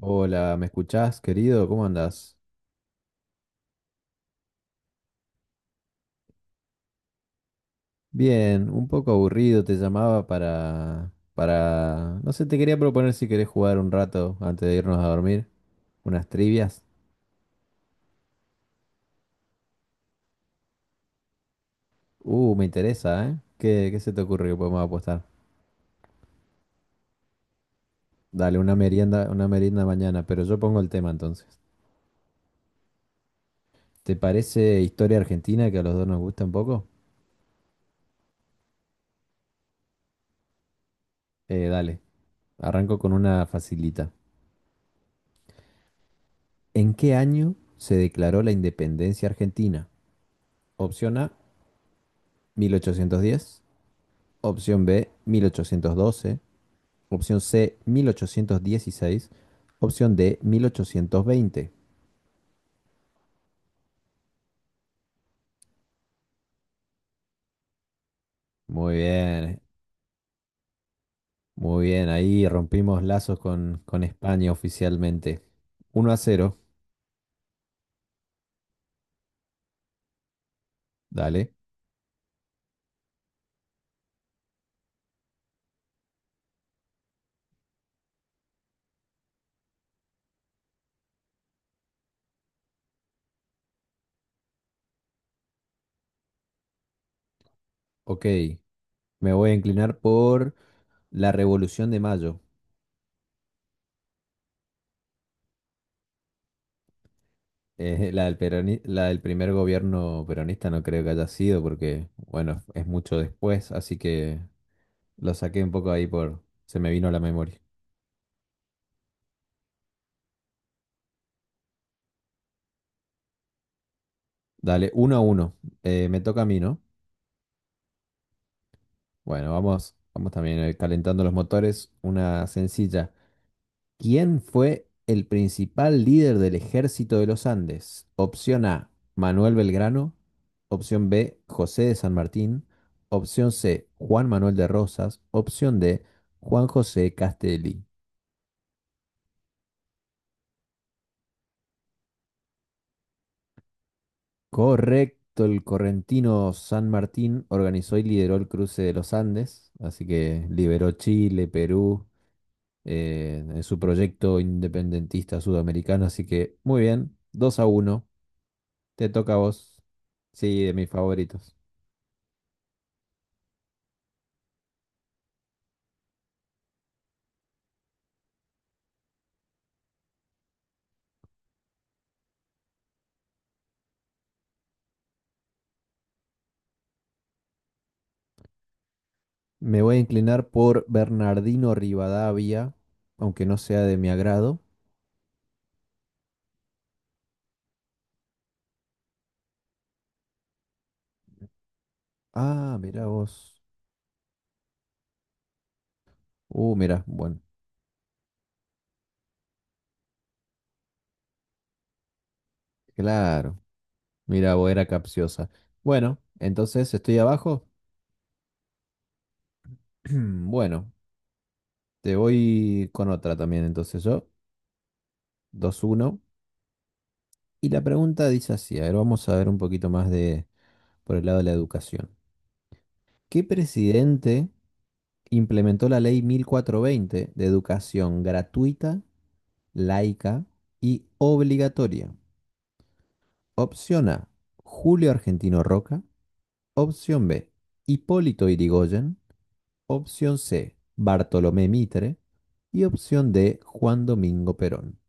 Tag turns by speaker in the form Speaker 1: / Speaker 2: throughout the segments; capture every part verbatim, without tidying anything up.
Speaker 1: Hola, ¿me escuchás, querido? ¿Cómo andás? Bien, un poco aburrido, te llamaba para, para, no sé, te quería proponer si querés jugar un rato antes de irnos a dormir, unas trivias. Uh, me interesa, ¿eh? ¿Qué, qué se te ocurre que podemos apostar? Dale, una merienda, una merienda mañana, pero yo pongo el tema entonces. ¿Te parece historia argentina que a los dos nos gusta un poco? Eh, dale, arranco con una facilita. ¿En qué año se declaró la independencia argentina? Opción A, mil ochocientos diez. Opción B, mil ochocientos doce. Opción C, mil ochocientos dieciséis. Opción D, mil ochocientos veinte. Muy bien, muy bien. Ahí rompimos lazos con, con España oficialmente. uno a cero. Dale. Ok, me voy a inclinar por la Revolución de Mayo. Eh, la del peroni- la del primer gobierno peronista no creo que haya sido porque, bueno, es mucho después, así que lo saqué un poco ahí por... Se me vino a la memoria. Dale, uno a uno. Eh, me toca a mí, ¿no? Bueno, vamos, vamos también eh, calentando los motores. Una sencilla. ¿Quién fue el principal líder del ejército de los Andes? Opción A, Manuel Belgrano. Opción B, José de San Martín. Opción C, Juan Manuel de Rosas. Opción D, Juan José Castelli. Correcto, el correntino San Martín organizó y lideró el cruce de los Andes, así que liberó Chile, Perú, eh, en su proyecto independentista sudamericano. Así que muy bien, dos a uno, te toca a vos. Sí, de mis favoritos. Me voy a inclinar por Bernardino Rivadavia, aunque no sea de mi agrado. Ah, mira vos. Uh, mira, bueno, claro. Mira, vos era capciosa. Bueno, entonces estoy abajo. Bueno, te voy con otra también, entonces yo. Dos uno. Y la pregunta dice así, a ver, vamos a ver un poquito más de por el lado de la educación. ¿Qué presidente implementó la ley mil cuatrocientos veinte de educación gratuita, laica y obligatoria? Opción A, Julio Argentino Roca. Opción B, Hipólito Yrigoyen. Opción C, Bartolomé Mitre. Y opción D, Juan Domingo Perón.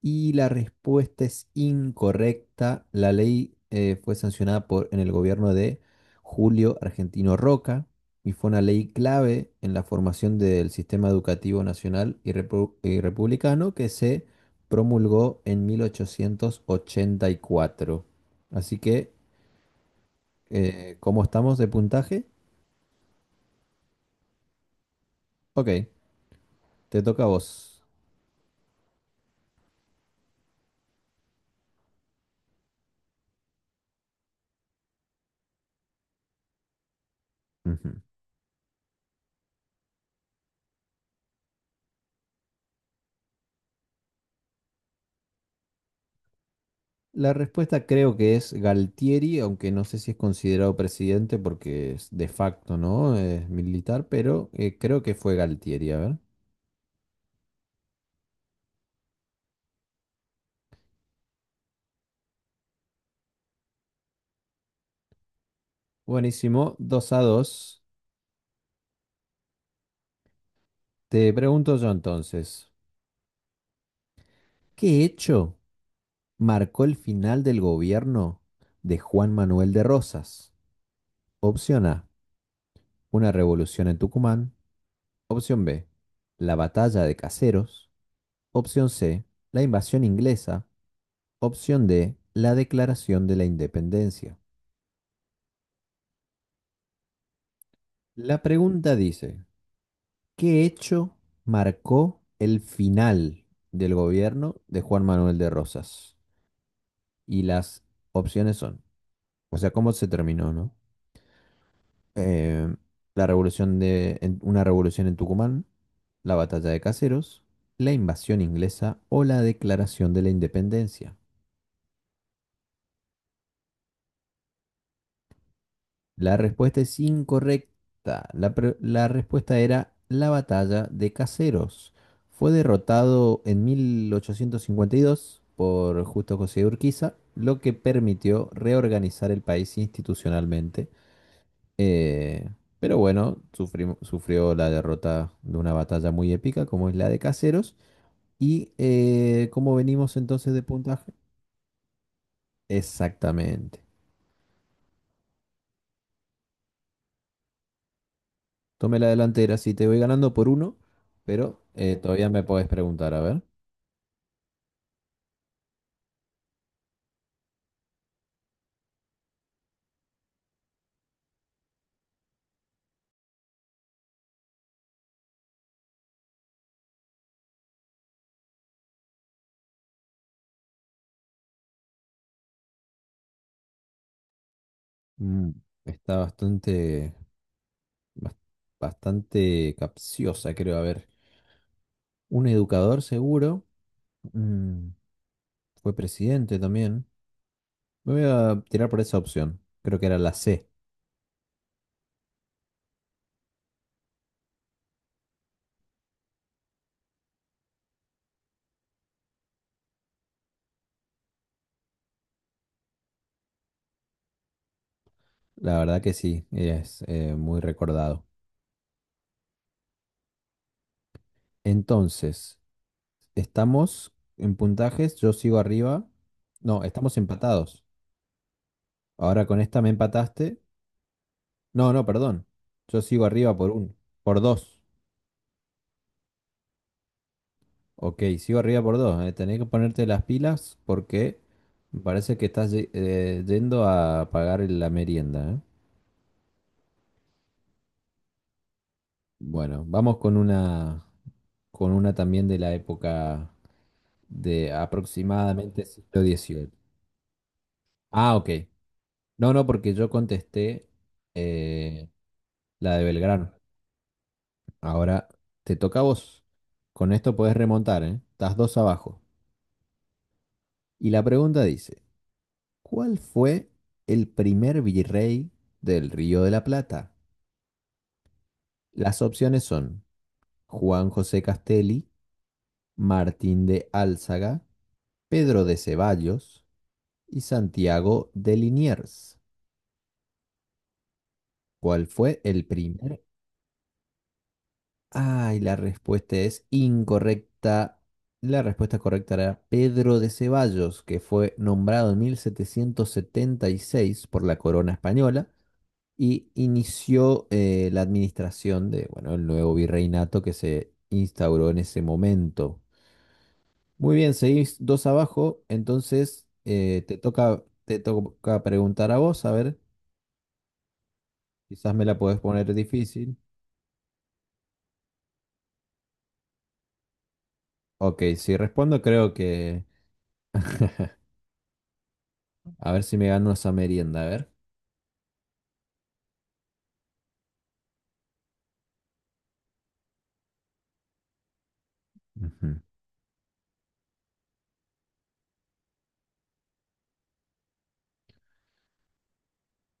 Speaker 1: Y la respuesta es incorrecta. La ley eh, fue sancionada por, en el gobierno de Julio Argentino Roca y fue una ley clave en la formación del sistema educativo nacional y, repu- y republicano que se promulgó en mil ochocientos ochenta y cuatro. Así que, eh, ¿cómo estamos de puntaje? Ok, te toca a vos. Ujú. La respuesta creo que es Galtieri, aunque no sé si es considerado presidente porque es de facto, ¿no? Es militar, pero eh, creo que fue Galtieri, a ver. Buenísimo, dos a dos. Te pregunto yo entonces, ¿qué hecho marcó el final del gobierno de Juan Manuel de Rosas? Opción A, una revolución en Tucumán. Opción B, la batalla de Caseros. Opción C, la invasión inglesa. Opción D, la declaración de la independencia. La pregunta dice, ¿qué hecho marcó el final del gobierno de Juan Manuel de Rosas? Y las opciones son, o sea, ¿cómo se terminó, no? Eh, la revolución de, en- una revolución en Tucumán, la batalla de Caseros, la invasión inglesa o la declaración de la independencia. La respuesta es incorrecta. La, pre- la respuesta era la batalla de Caseros. Fue derrotado en mil ochocientos cincuenta y dos por Justo José de Urquiza, lo que permitió reorganizar el país institucionalmente. Eh, pero bueno, sufrim- sufrió la derrota de una batalla muy épica como es la de Caseros. ¿Y eh, cómo venimos entonces de puntaje? Exactamente. Tomé la delantera, sí, te voy ganando por uno, pero eh, todavía me podés preguntar, a ver. Mm, está bastante, bas- bastante capciosa, creo. A ver, un educador seguro, mm, fue presidente también. Me voy a tirar por esa opción, creo que era la C. La verdad que sí, es eh, muy recordado. Entonces, estamos en puntajes, yo sigo arriba. No, estamos empatados. Ahora con esta me empataste. No, no, perdón. Yo sigo arriba por un, por dos. Ok, sigo arriba por dos. eh. Tenés que ponerte las pilas porque me parece que estás ye- eh, yendo a pagar la merienda. eh. Bueno, vamos con una, con una, también de la época de aproximadamente siglo dieciocho. Ah, ok. No, no, porque yo contesté eh, la de Belgrano. Ahora te toca a vos. Con esto podés remontar, ¿eh? Estás dos abajo. Y la pregunta dice. ¿Cuál fue el primer virrey del Río de la Plata? Las opciones son Juan José Castelli, Martín de Álzaga, Pedro de Ceballos y Santiago de Liniers. ¿Cuál fue el primer? Ay, la respuesta es incorrecta. La respuesta correcta era Pedro de Ceballos, que fue nombrado en mil setecientos setenta y seis por la corona española y inició eh, la administración de, bueno, el nuevo virreinato que se instauró en ese momento. Muy bien, seguís dos abajo, entonces eh, te toca, te toca preguntar a vos, a ver, quizás me la podés poner difícil. Ok, si respondo creo que, a ver si me gano esa merienda, a ver. Ujú.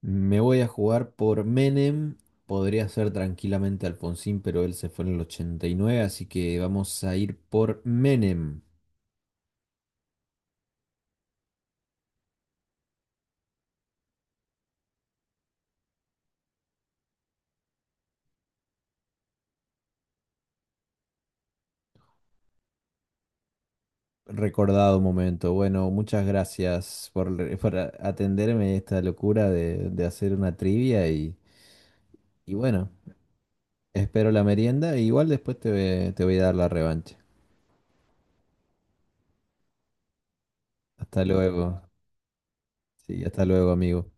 Speaker 1: Me voy a jugar por Menem, podría ser tranquilamente Alfonsín, pero él se fue en el ochenta y nueve así que vamos a ir por Menem. Recordado momento. Bueno, muchas gracias por, re- por a- atenderme esta locura de, de hacer una trivia y, y bueno, espero la merienda. Igual después te, ve- te voy a dar la revancha. Hasta luego. Sí, hasta luego, amigo.